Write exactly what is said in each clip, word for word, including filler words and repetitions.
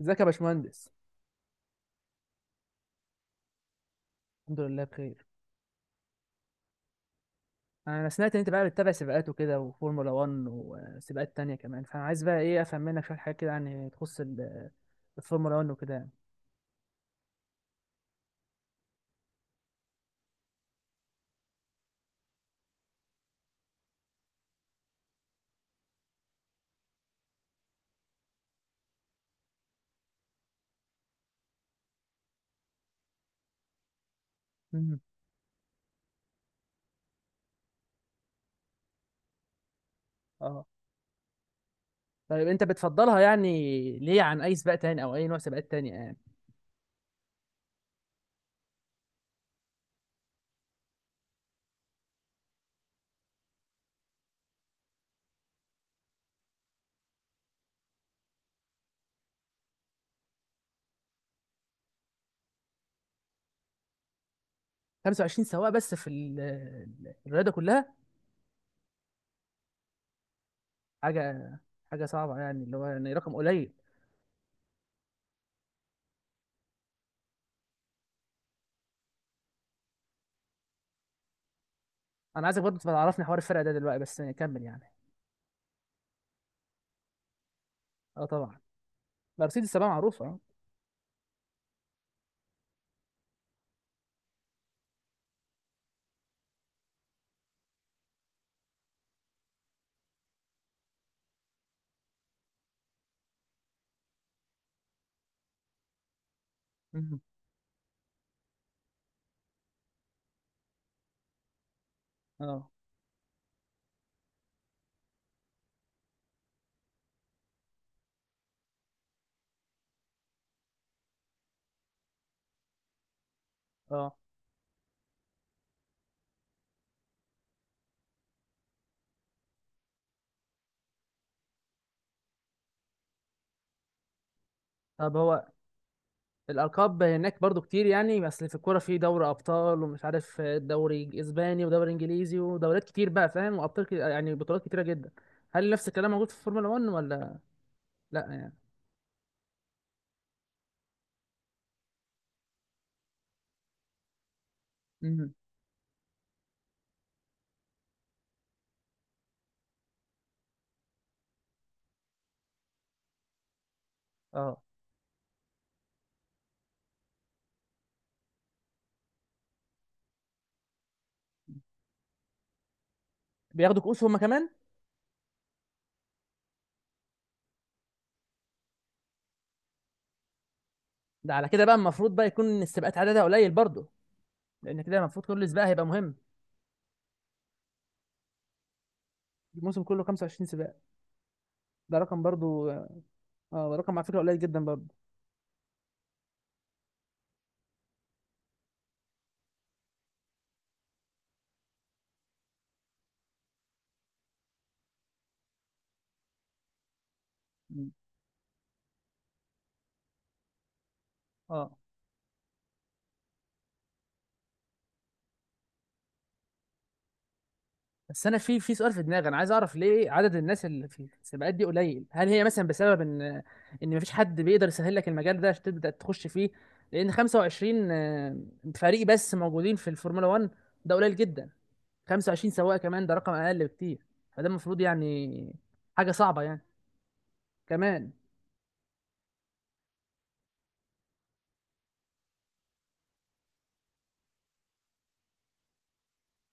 ازيك يا باشمهندس؟ الحمد لله بخير. انا سمعت ان انت بقى بتتابع سباقات وكده وفورمولا واحد وسباقات تانية كمان، فانا عايز بقى ايه افهم منك شويه حاجات كده يعني تخص ال- الفورمولا واحد وكده يعني. مم. اه، طيب انت بتفضلها يعني ليه عن اي سباق تاني او اي نوع سباقات تانية يعني؟ خمسة وعشرين سواق بس في ال- ال- الرياضه كلها؟ حاجه حاجه صعبه يعني، اللي هو يعني رقم قليل. انا عايزك برضه تبقى تعرفني حوار الفرق ده دلوقتي، بس يعني كمل يعني. اه طبعا. مرسيدس سباق معروفه، اه. مم. اه. اه. طب هو الالقاب هناك برضو كتير يعني، بس في الكوره في دوري ابطال ومش عارف دوري اسباني ودوري انجليزي ودوريات كتير بقى، فاهم، وابطال كتير يعني، بطولات كتيره جدا. هل نفس الكلام موجود في الفورمولا واحد ولا لا يعني؟ امم. اه. بياخدوا كؤوس هما كمان؟ ده على كده بقى المفروض بقى يكون السباقات عددها قليل برضو، لان كده المفروض كل سباق هيبقى مهم. الموسم كله خمسة وعشرين سباق؟ ده رقم برضو. اه، ده رقم على فكره قليل جدا برضو. مم. اه، بس انا في في سؤال في دماغي، انا عايز اعرف ليه عدد الناس اللي في السباقات دي قليل. هل هي مثلا بسبب ان ان مفيش حد بيقدر يسهل لك المجال ده عشان تبدا تخش فيه؟ لان خمسة وعشرين آه، فريق بس موجودين في الفورمولا واحد. ده قليل جدا. خمسة وعشرين سواق كمان ده رقم اقل بكتير، فده المفروض يعني حاجه صعبه يعني كمان.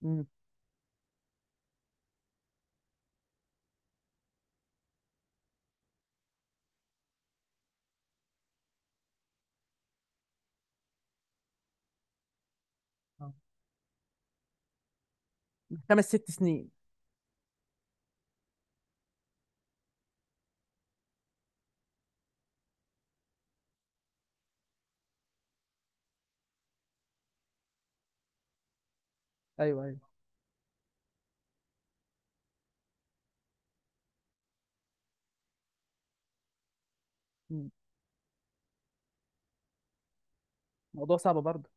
مم. آه. خمس ست سنين. ايوه، ايوه. مم. موضوع صعب برضه.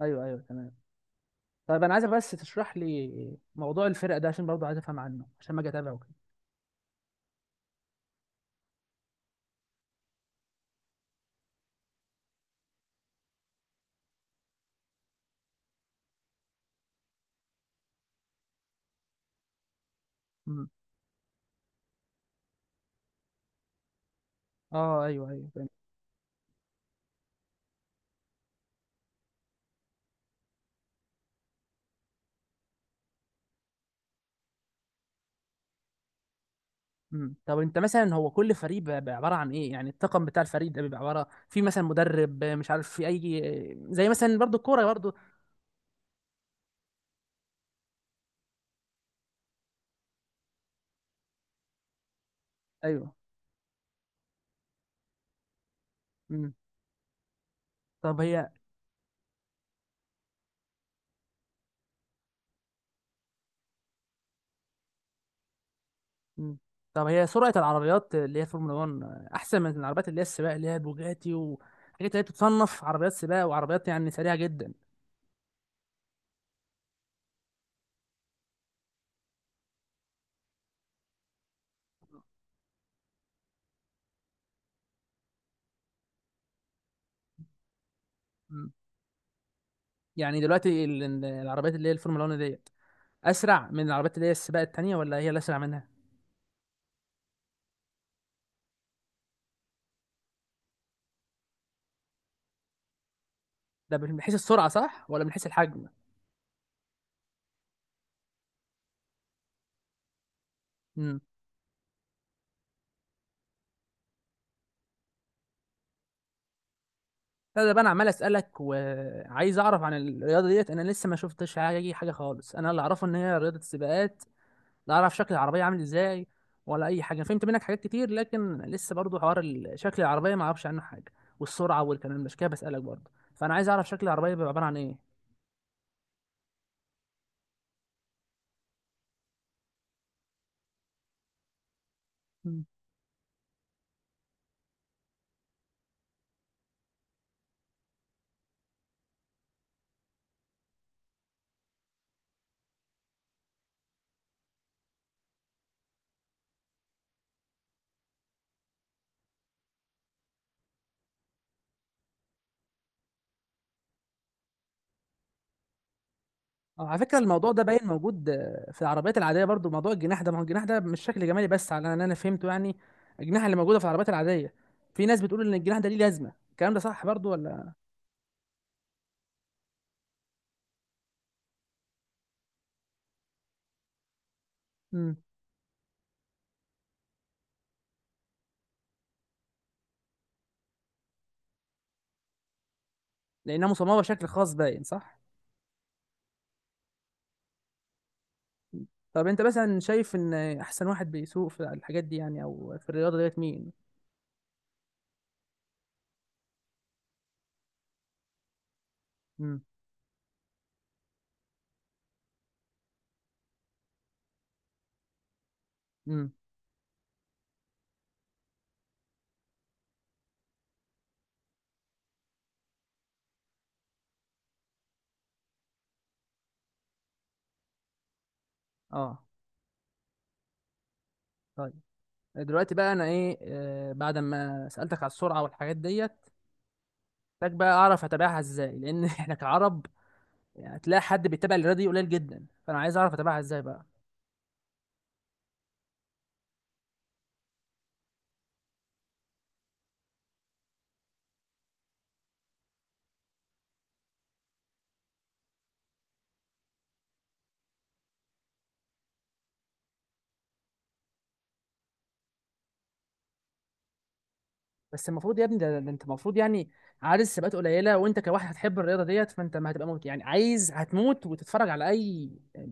ايوه، ايوه، تمام. طيب انا عايزك بس تشرح لي موضوع الفرق ده عشان برضه عايز افهم عنه عشان ما اجي اتابعه. كده. اه، ايوه، ايوه، فاهم. امم. طب انت مثلا، هو كل فريق بقى بقى عباره عن ايه يعني؟ الطاقم بتاع الفريق ده بيبقى عباره في مثلا مدرب، آه، مش عارف في اي، آه، زي مثلا برضو الكوره برضو. ايوه. امم. طب هي. امم. طب هي سرعه العربيات اللي هي فورمولا واحد آه، احسن من العربيات اللي هي السباق، اللي هي البوجاتي وحاجات اللي هي بتتصنف عربيات سباق وعربيات يعني سريعه جدا؟ امم. يعني دلوقتي ال- ال- العربيات اللي هي الفورمولا واحد ديت اسرع من العربيات اللي هي السباق التانيه، ولا هي اللي اسرع منها؟ ده من حيث السرعه صح ولا من حيث الحجم؟ إمم. لا، ده بقى انا عمال اسالك وعايز اعرف عن الرياضه ديت، انا لسه ما شفتش حاجه حاجه خالص. انا اللي اعرفه ان هي رياضه السباقات. لا اعرف شكل العربيه عامل ازاي، ولا اي حاجه. فهمت منك حاجات كتير، لكن لسه برضو حوار ال- شكل العربيه ما اعرفش عنه حاجه والسرعه والكلام ده، عشان كده بسالك برضو، فانا عايز اعرف شكل العربيه بيبقى عباره عن ايه. مم. أو على فكره الموضوع ده باين موجود آه، في العربيات العاديه برضو موضوع الجناح ده، ما هو الجناح ده مش شكل جمالي بس، على ان انا فهمته يعني. الجناح اللي موجوده في العربيات العاديه، في ناس بتقول ان الجناح ده ليه لازمه، الكلام ده صح برضو ولا؟ مم. لانها مصممه بشكل خاص باين، صح؟ طب انت مثلا شايف ان احسن واحد بيسوق في الحاجات دي يعني او في الرياضه ديت مين؟ امم. امم. اه، طيب، دلوقتي بقى انا ايه آه بعد ما سالتك على السرعه والحاجات ديت، محتاج بقى اعرف اتابعها ازاي، لان احنا كعرب يعني هتلاقي حد بيتابع الرياضه دي قليل جدا، فانا عايز اعرف اتابعها ازاي بقى. بس المفروض يا ابني ده ده انت المفروض يعني عارف سباقات قليله، وانت كواحد هتحب الرياضه ديت فانت ما هتبقى موت يعني، عايز هتموت وتتفرج على اي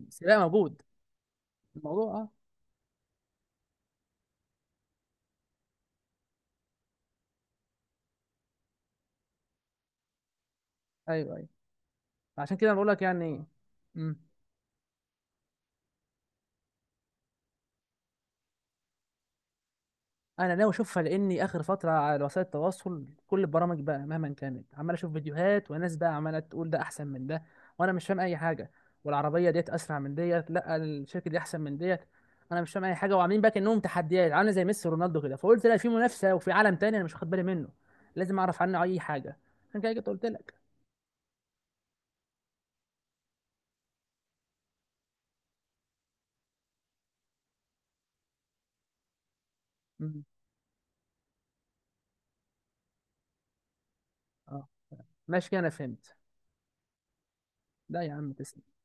سباق موجود. الموضوع، اه. ايوه، ايوه. عشان كده أنا بقول لك يعني. مم. انا ناوي اشوفها لاني اخر فتره على وسائل التواصل كل البرامج بقى مهما كانت عمال اشوف فيديوهات، وناس بقى عماله تقول ده احسن من ده، وانا مش فاهم اي حاجه، والعربيه ديت اسرع من ديت، لا الشركه دي احسن من ديت، انا مش فاهم اي حاجه، وعاملين بقى كانهم تحديات عامله زي ميسي ورونالدو كده، فقلت لا، في منافسه وفي عالم تاني انا مش واخد بالي منه، لازم اعرف عنه اي حاجه، عشان كده جيت قلت لك. مم. اه، ماشي كده انا فهمت. لا يا عم، تسلم.